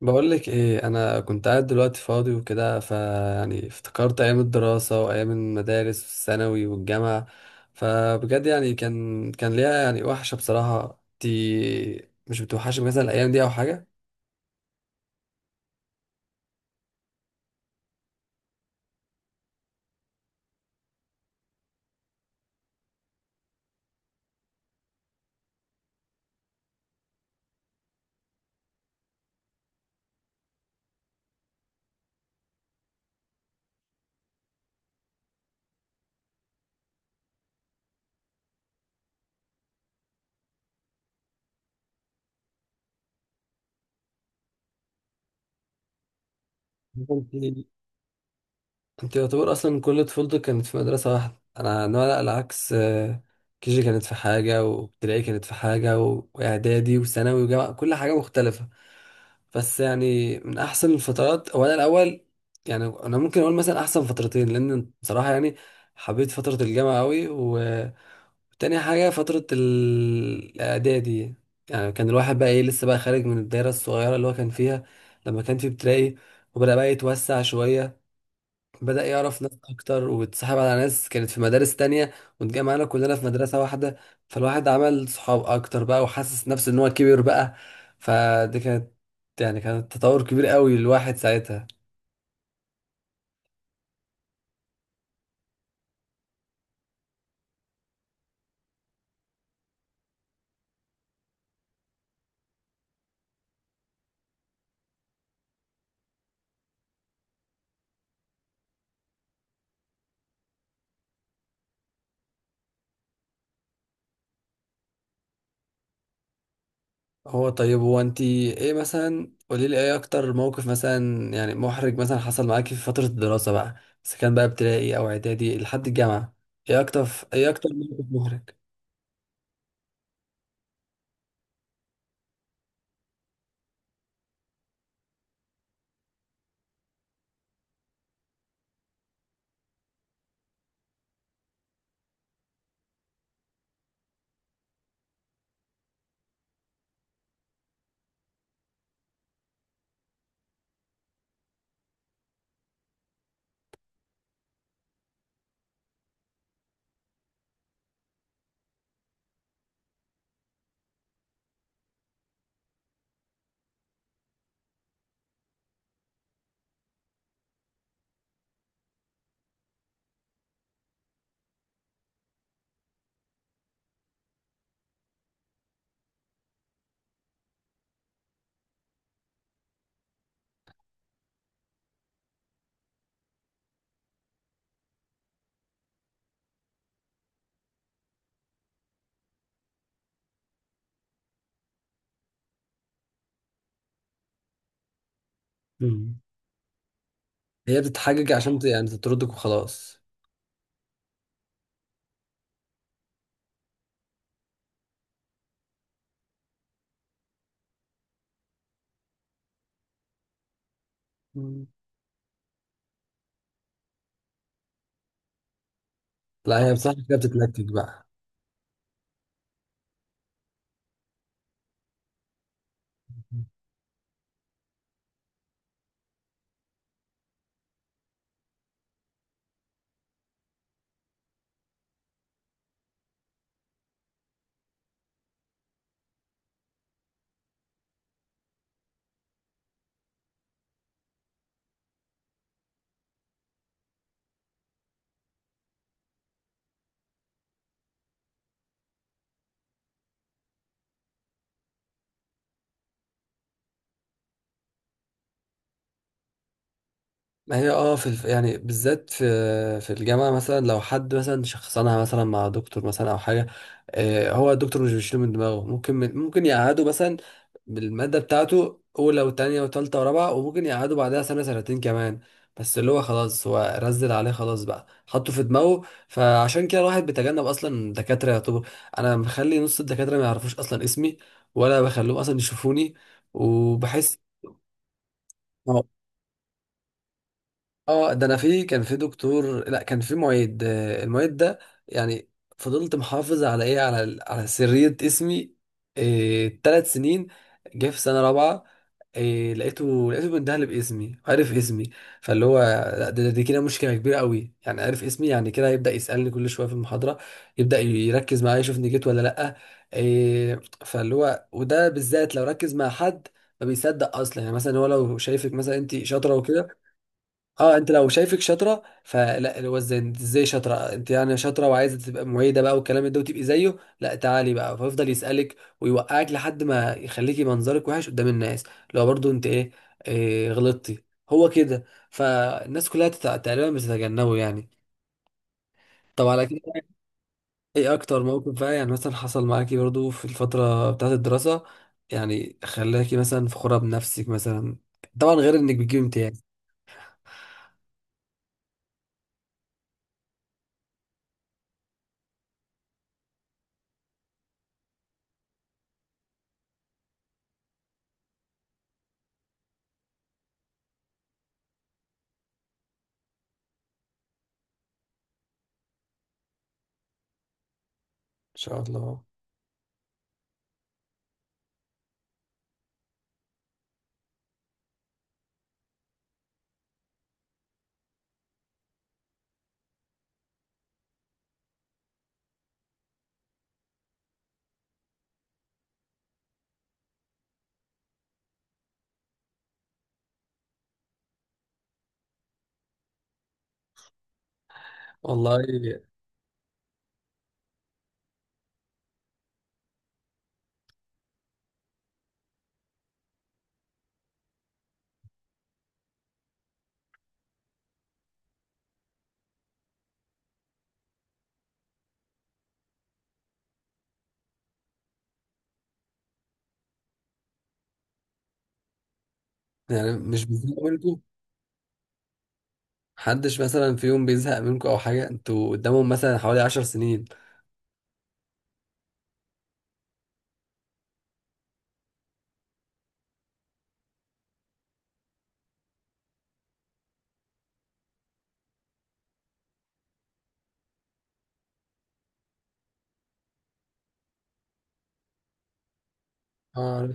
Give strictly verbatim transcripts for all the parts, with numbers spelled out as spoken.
بقول لك ايه، انا كنت قاعد دلوقتي فاضي وكده، فيعني افتكرت ايام الدراسه وايام المدارس والثانوي والجامعه. فبجد يعني كان كان ليها يعني وحشه بصراحه. انت مش بتوحشك مثلا الايام دي او حاجه؟ انت يعتبر اصلا كل طفولتك كانت في مدرسة واحدة. انا انا لا، العكس. كيجي كانت في حاجة، وابتدائي كانت في حاجة، و- واعدادي وثانوي وجامعة، كل حاجة مختلفة. بس يعني من احسن الفترات، هو انا الاول يعني انا ممكن اقول مثلا احسن فترتين، لان بصراحة يعني حبيت فترة الجامعة قوي، وتاني حاجة فترة ال- الاعدادي. يعني كان الواحد بقى ايه، لسه بقى خارج من الدايرة الصغيرة اللي هو كان فيها لما كان في ابتدائي، وبدأ بقى يتوسع شوية، بدأ يعرف ناس أكتر، واتسحب على ناس كانت في مدارس تانية واتجمعنا كلنا في مدرسة واحدة. فالواحد عمل صحاب أكتر بقى، وحاسس نفسه إن هو كبر بقى. فدي كانت يعني كانت تطور كبير قوي للواحد ساعتها. هو طيب، هو أنتي إيه مثلا، قوليلي إيه أكتر موقف مثلا يعني محرج مثلا حصل معاكي في فترة الدراسة بقى، إذا كان بقى ابتدائي أو إعدادي لحد الجامعة؟ إيه أكتر إيه أكتر موقف محرج؟ مم. هي بتتحجج عشان ت- يعني تطردك وخلاص. مم. لا هي بصراحة كده بتتنكد بقى. ما هي اه في الف... يعني بالذات في في الجامعة مثلا، لو حد مثلا شخصنها مثلا مع دكتور مثلا أو حاجة، آه هو الدكتور مش بيشيله من دماغه. ممكن من... ممكن يقعده مثلا بالمادة بتاعته أولى وتانية وتالتة ورابعة، وممكن يقعده بعدها سنة سنتين كمان. بس اللي هو خلاص هو رزل عليه خلاص بقى، حطه في دماغه. فعشان كده الواحد بيتجنب أصلا دكاترة يعتبر. أنا مخلي نص الدكاترة ما يعرفوش أصلا اسمي، ولا بخليهم أصلا يشوفوني. وبحس، اه ده انا في كان في دكتور، لا كان في معيد، آه، المعيد ده يعني فضلت محافظ على ايه، على ال- على سرية اسمي إيه تلات سنين. جه في سنة رابعة، إيه لقيته لقيته بيندهلي باسمي، عارف اسمي. فاللي هو، لا ده- ده- دي كده مشكلة كبيرة قوي يعني، عارف اسمي يعني كده هيبدأ يسألني كل شوية في المحاضرة، يبدأ يركز معايا يشوفني جيت ولا لأ. إيه فاللي هو، وده بالذات لو ركز مع حد ما بيصدق اصلا. يعني مثلا هو لو شايفك مثلا انت شاطره وكده، اه انت لو شايفك شاطره فلا، اللي هو ازاي انت، ازاي شاطره انت يعني، شاطره وعايزه تبقى معيده بقى والكلام ده وتبقي زيه؟ لا، تعالي بقى. فيفضل يسالك ويوقعك لحد ما يخليكي منظرك وحش قدام الناس. لو برضو انت ايه، إيه غلطتي؟ هو كده. فالناس كلها تت- تقريبا بتتجنبه يعني. طب على كده، ايه اكتر موقف بقى يعني مثلا حصل معاكي برضو في الفتره بتاعت الدراسه، يعني خلاكي مثلا فخوره بنفسك مثلا، طبعا غير انك بتجيبي امتياز؟ ان شاء الله والله. يعني مش بيزهقوا منكم؟ محدش مثلا في يوم بيزهق منكم او حاجه، انتوا قدامهم مثلا حوالي عشر سنين؟ اه.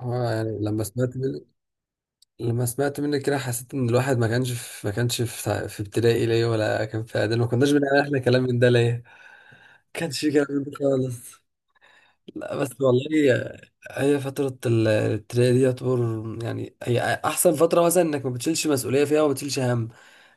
اه يعني لما سمعت منك لما سمعت منك كده حسيت ان الواحد ما كانش في، ما كانش في, في ابتدائي ليه؟ ولا كان في اعدادي، ما كناش بنعمل احنا كلام من ده ليه؟ ما كانش في كلام من ده خالص. لا بس والله. هي فترة ال- الابتدائي دي يعتبر يعني، هي أحسن فترة مثلا، إنك ما بتشيلش مسؤولية فيها وما بتشيلش هم.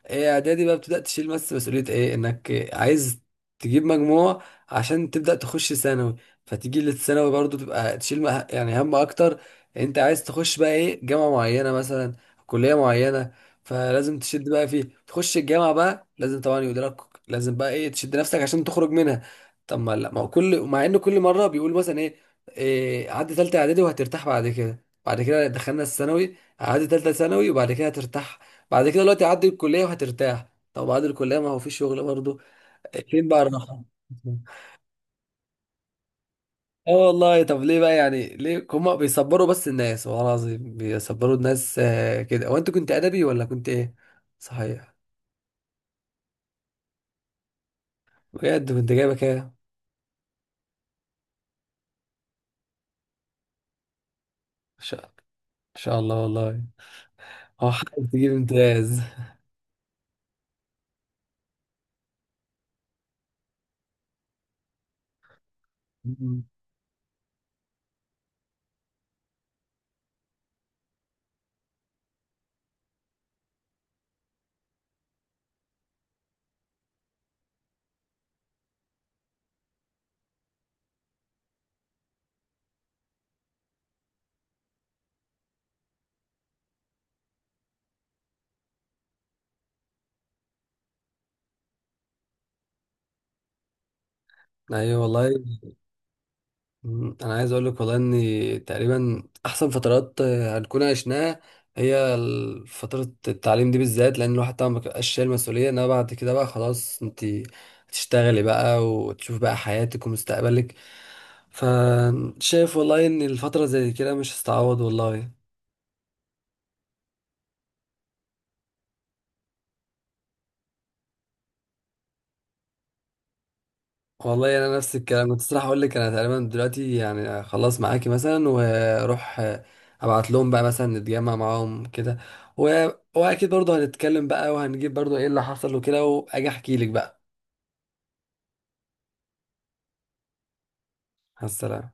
ايه اعدادي بقى بتبدا تشيل، بس مسؤوليه ايه، انك عايز تجيب مجموع عشان تبدا تخش ثانوي. فتيجي للثانوي برضو تبقى تشيل مه- يعني هم اكتر، انت عايز تخش بقى ايه، جامعه معينه مثلا، كليه معينه. فلازم تشد بقى فيه. تخش الجامعه بقى، لازم طبعا يدرك، لازم بقى ايه، تشد نفسك عشان تخرج منها. طب ما لا، ما هو كل، مع ان كل مره بيقول مثلا ايه، إيه عدي ثالثه اعدادي وهترتاح، بعد كده بعد كده دخلنا الثانوي عادي، تالتة ثانوي وبعد كده هترتاح، بعد كده دلوقتي عدي الكلية وهترتاح، طب بعد الكلية ما هو في شغل برضه، فين بقى الراحة؟ اه والله. طب ليه بقى يعني، ليه هما بيصبروا بس الناس، والله العظيم بيصبروا الناس. آه، كده. هو انت كنت ادبي ولا كنت ايه صحيح؟ بجد كنت جايبه كام ان شاء، إن شاء الله والله. اه حقك تجيب امتياز. مم. ايوه والله. مم، انا عايز اقول لك والله ان تقريبا احسن فترات آه، هنكون عشناها هي ال- فترة التعليم دي بالذات، لان الواحد طبعا ما بيبقاش شايل مسؤولية. انما بعد كده بقى خلاص، انت هتشتغلي بقى وتشوف بقى حياتك ومستقبلك. فشايف والله ان الفترة زي كده مش هتتعوض والله. والله انا نفس الكلام كنت الصراحه اقول لك. انا تقريبا دلوقتي يعني خلاص معاكي مثلا، واروح ابعت لهم بقى مثلا نتجمع معاهم كده، و... واكيد برضه هنتكلم بقى، وهنجيب برضه ايه اللي حصل وكده، واجي احكي لك بقى. على السلامه.